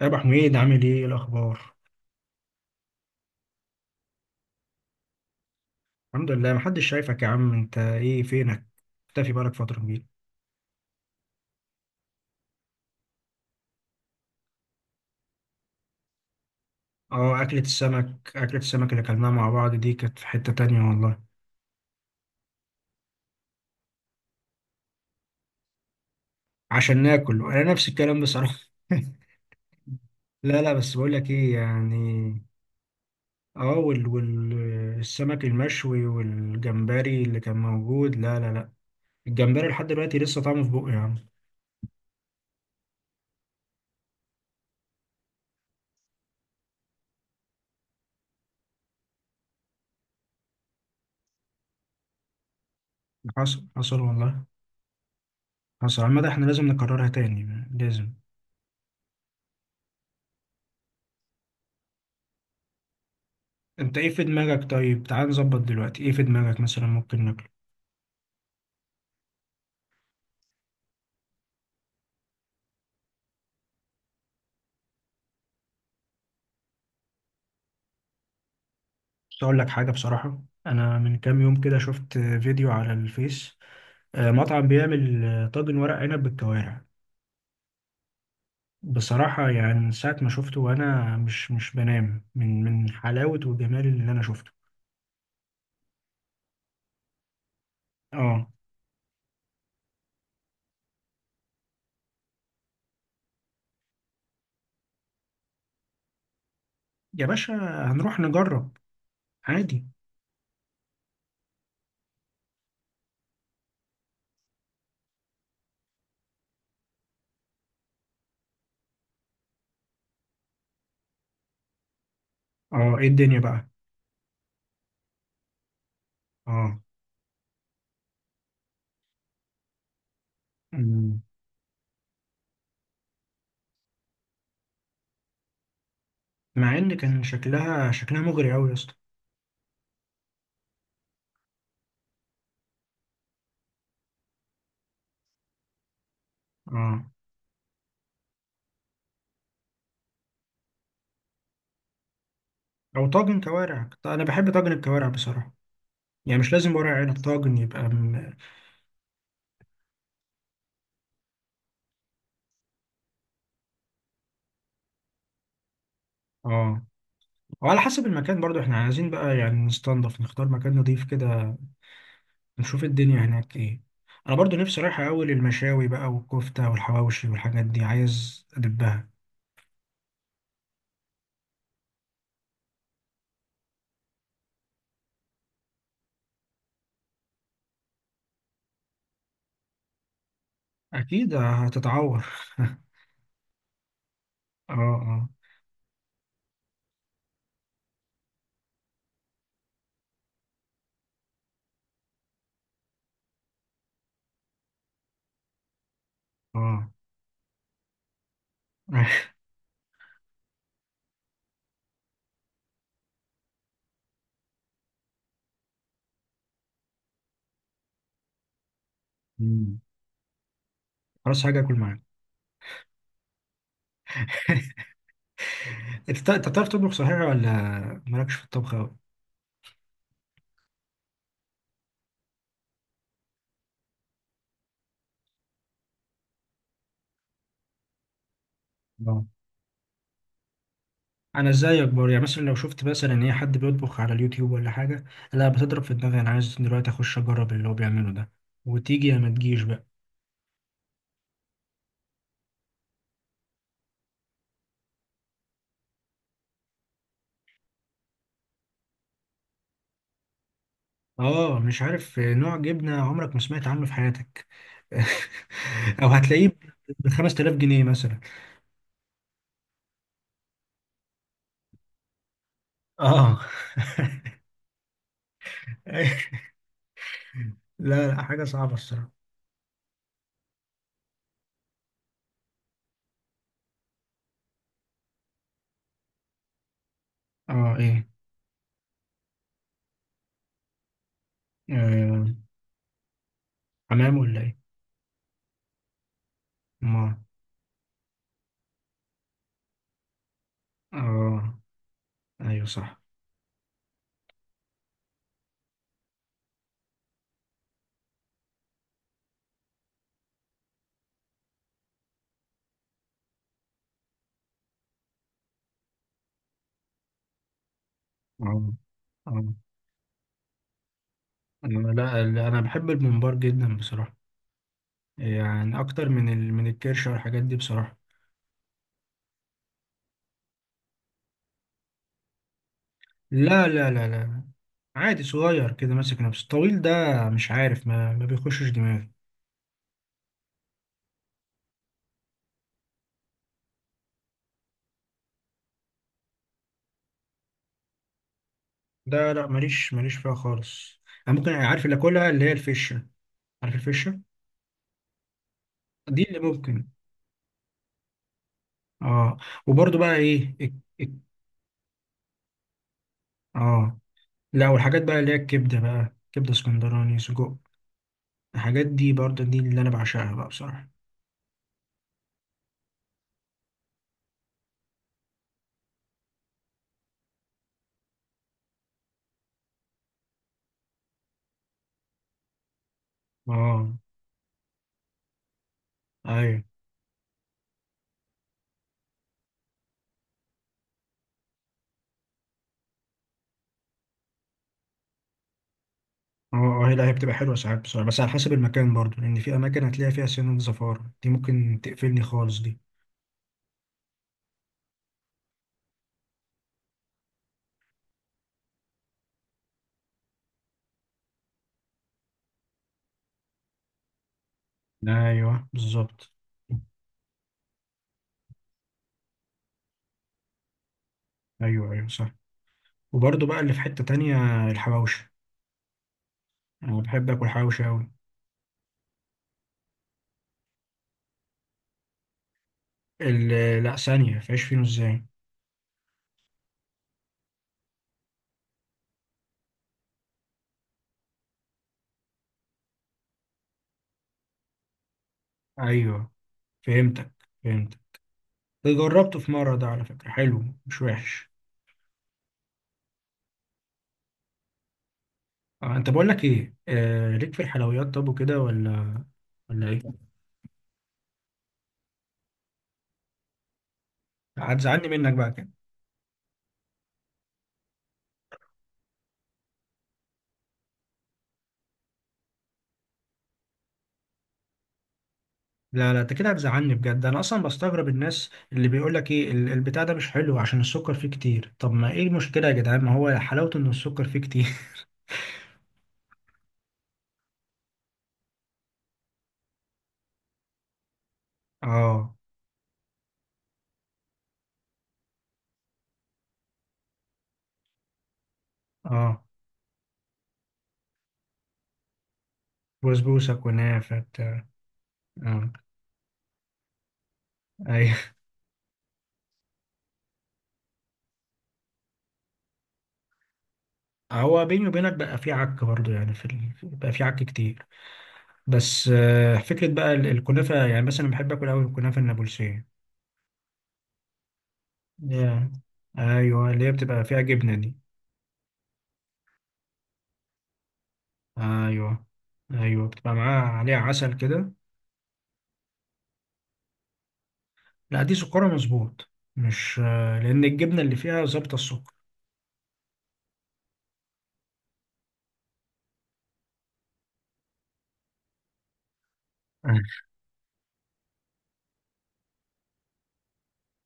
يا ابو حميد، عامل ايه؟ إيه الاخبار؟ الحمد لله. محدش شايفك يا عم، انت ايه؟ فينك؟ مختفي بقالك فتره كبيره. اه، اكله السمك اللي اكلناها مع بعض دي كانت في حته تانية والله. عشان ناكل انا نفس الكلام بصراحه. لا لا، بس بقول لك ايه يعني. اه، وال وال السمك المشوي والجمبري اللي كان موجود. لا لا لا. الجمبري لحد دلوقتي لسه طعمه في بقي يا عم. حصل حصل والله. حصل عامة، احنا لازم نكررها تاني، لازم. انت ايه في دماغك؟ طيب تعال نظبط دلوقتي. ايه في دماغك مثلا ممكن ناكله؟ بس اقول لك حاجه بصراحه، انا من كام يوم كده شفت فيديو على الفيس. مطعم بيعمل طاجن ورق عنب بالكوارع. بصراحه يعني من ساعه ما شفته وانا مش بنام من حلاوه وجمال اللي انا شفته. اه يا باشا، هنروح نجرب، عادي. اه، ايه الدنيا بقى؟ اه. مم. مع ان كان شكلها شكلها مغري قوي يا اسطى. اه. او طاجن كوارع، انا بحب طاجن الكوارع بصراحه. يعني مش لازم ورق عنب، طاجن يبقى اه. وعلى حسب المكان برضو احنا عايزين بقى يعني نستنضف، نختار مكان نضيف كده. نشوف الدنيا هناك ايه. انا برضو نفسي رايح اول المشاوي بقى، والكفتة والحواوشي والحاجات دي عايز ادبها. اكيد هتتعور. اه. اه. اه. مم. خلاص، حاجة اكل معاك. انت بتعرف تطبخ صحيح ولا؟ مالكش في الطبخ اوي؟ انا ازاي اكبر؟ يعني مثلا لو شفت مثلا ان هي حد بيطبخ على اليوتيوب ولا حاجه. لا، بتضرب في دماغي، انا عايز دلوقتي اخش اجرب اللي هو بيعمله ده. وتيجي يا ما تجيش بقى. اه، مش عارف نوع جبنه عمرك ما سمعت عنه في حياتك. او هتلاقيه ب 5000 جنيه مثلا. اه. لا لا، حاجه صعبه الصراحه. اه. ايه؟ آه، حمام ولا ايه؟ ما. اه، ايوه صح. اه. اه. أنا- لا لا، انا بحب الممبار جدا بصراحه. يعني اكتر من الكرش والحاجات دي بصراحة. لا لا لا لا، عادي صغير كده ماسك نفسه، الطويل ده. مش عارف، ما بيخشش دماغي. ده لا، ماليش ماليش فيها خالص. انا ممكن، عارف اللي اكلها اللي هي الفشة. عارف الفشة؟ دي اللي ممكن. اه. وبرضو بقى ايه الك- اه. لا والحاجات بقى اللي هي الكبدة بقى، كبدة اسكندراني، سجق. الحاجات دي برضو دي اللي انا بعشقها بقى بصراحة. اه. ايوه. اه. اه. هي لا، هي بتبقى حلوة ساعات بصراحة، بس على حسب المكان برضو. لأن في أماكن هتلاقي فيها سنة زفارة، دي ممكن تقفلني خالص دي. أيوه بالظبط. أيوه أيوه صح. وبرضو بقى اللي في حتة تانية، الحواوشي. أنا بحب آكل حواوشي أوي. لا ثانية فيش فينو إزاي؟ أيوه، فهمتك، فهمتك. جربته في مرة ده على فكرة، حلو مش وحش. أنت، بقول لك إيه، ليك في الحلويات طب وكده ولا؟ ولا إيه؟ هتزعلني منك بقى. لا لا، انت كده هتزعلني بجد. انا اصلا بستغرب الناس اللي بيقول لك ايه، البتاع ده مش حلو عشان السكر فيه كتير. طب ما ايه المشكله يا جدعان، ما هو حلاوته ان السكر فيه كتير. اه. اه. بسبوسه، كنافه، بتاع. اه. ايوه. هو بيني وبينك بقى، فيه عك برضه، يعني بقى فيه عك كتير. بس فكره بقى الكنافه، يعني مثلا بحب اكل قوي الكنافه النابلسيه. يا. ايوه، اللي هي بتبقى فيها جبنه دي. ايوه ايوه، بتبقى معاها عليها عسل كده. لا، دي سكرها مظبوط. مش لأن الجبنة اللي فيها ظابطة السكر. أه.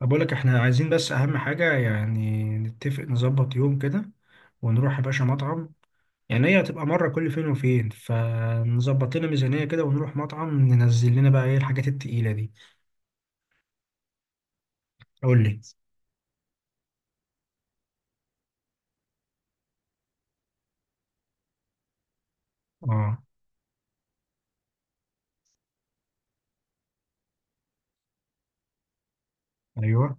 طب أقول لك، إحنا عايزين بس أهم حاجة يعني نتفق، نظبط يوم كده. ونروح يا باشا مطعم. يعني هي هتبقى مرة كل فين وفين، فنظبط لنا ميزانية كده ونروح مطعم، ننزل لنا بقى إيه الحاجات التقيلة دي. قول لي. آه. أيوه.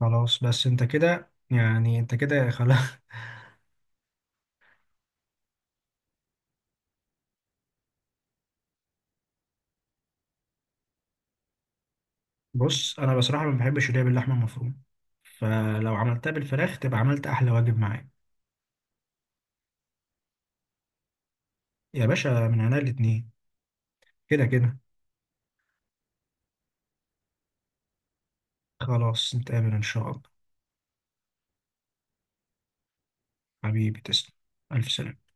خلاص، بس أنت كده يعني، أنت كده خلاص. بص، أنا بصراحة ما بحبش اللي هي باللحمة المفرومة. فلو عملتها بالفراخ تبقى عملت أحلى واجب معايا. يا باشا من عنا الاتنين. كده كده. خلاص، نتقابل إن شاء الله. حبيبي تسلم. ألف سلامة.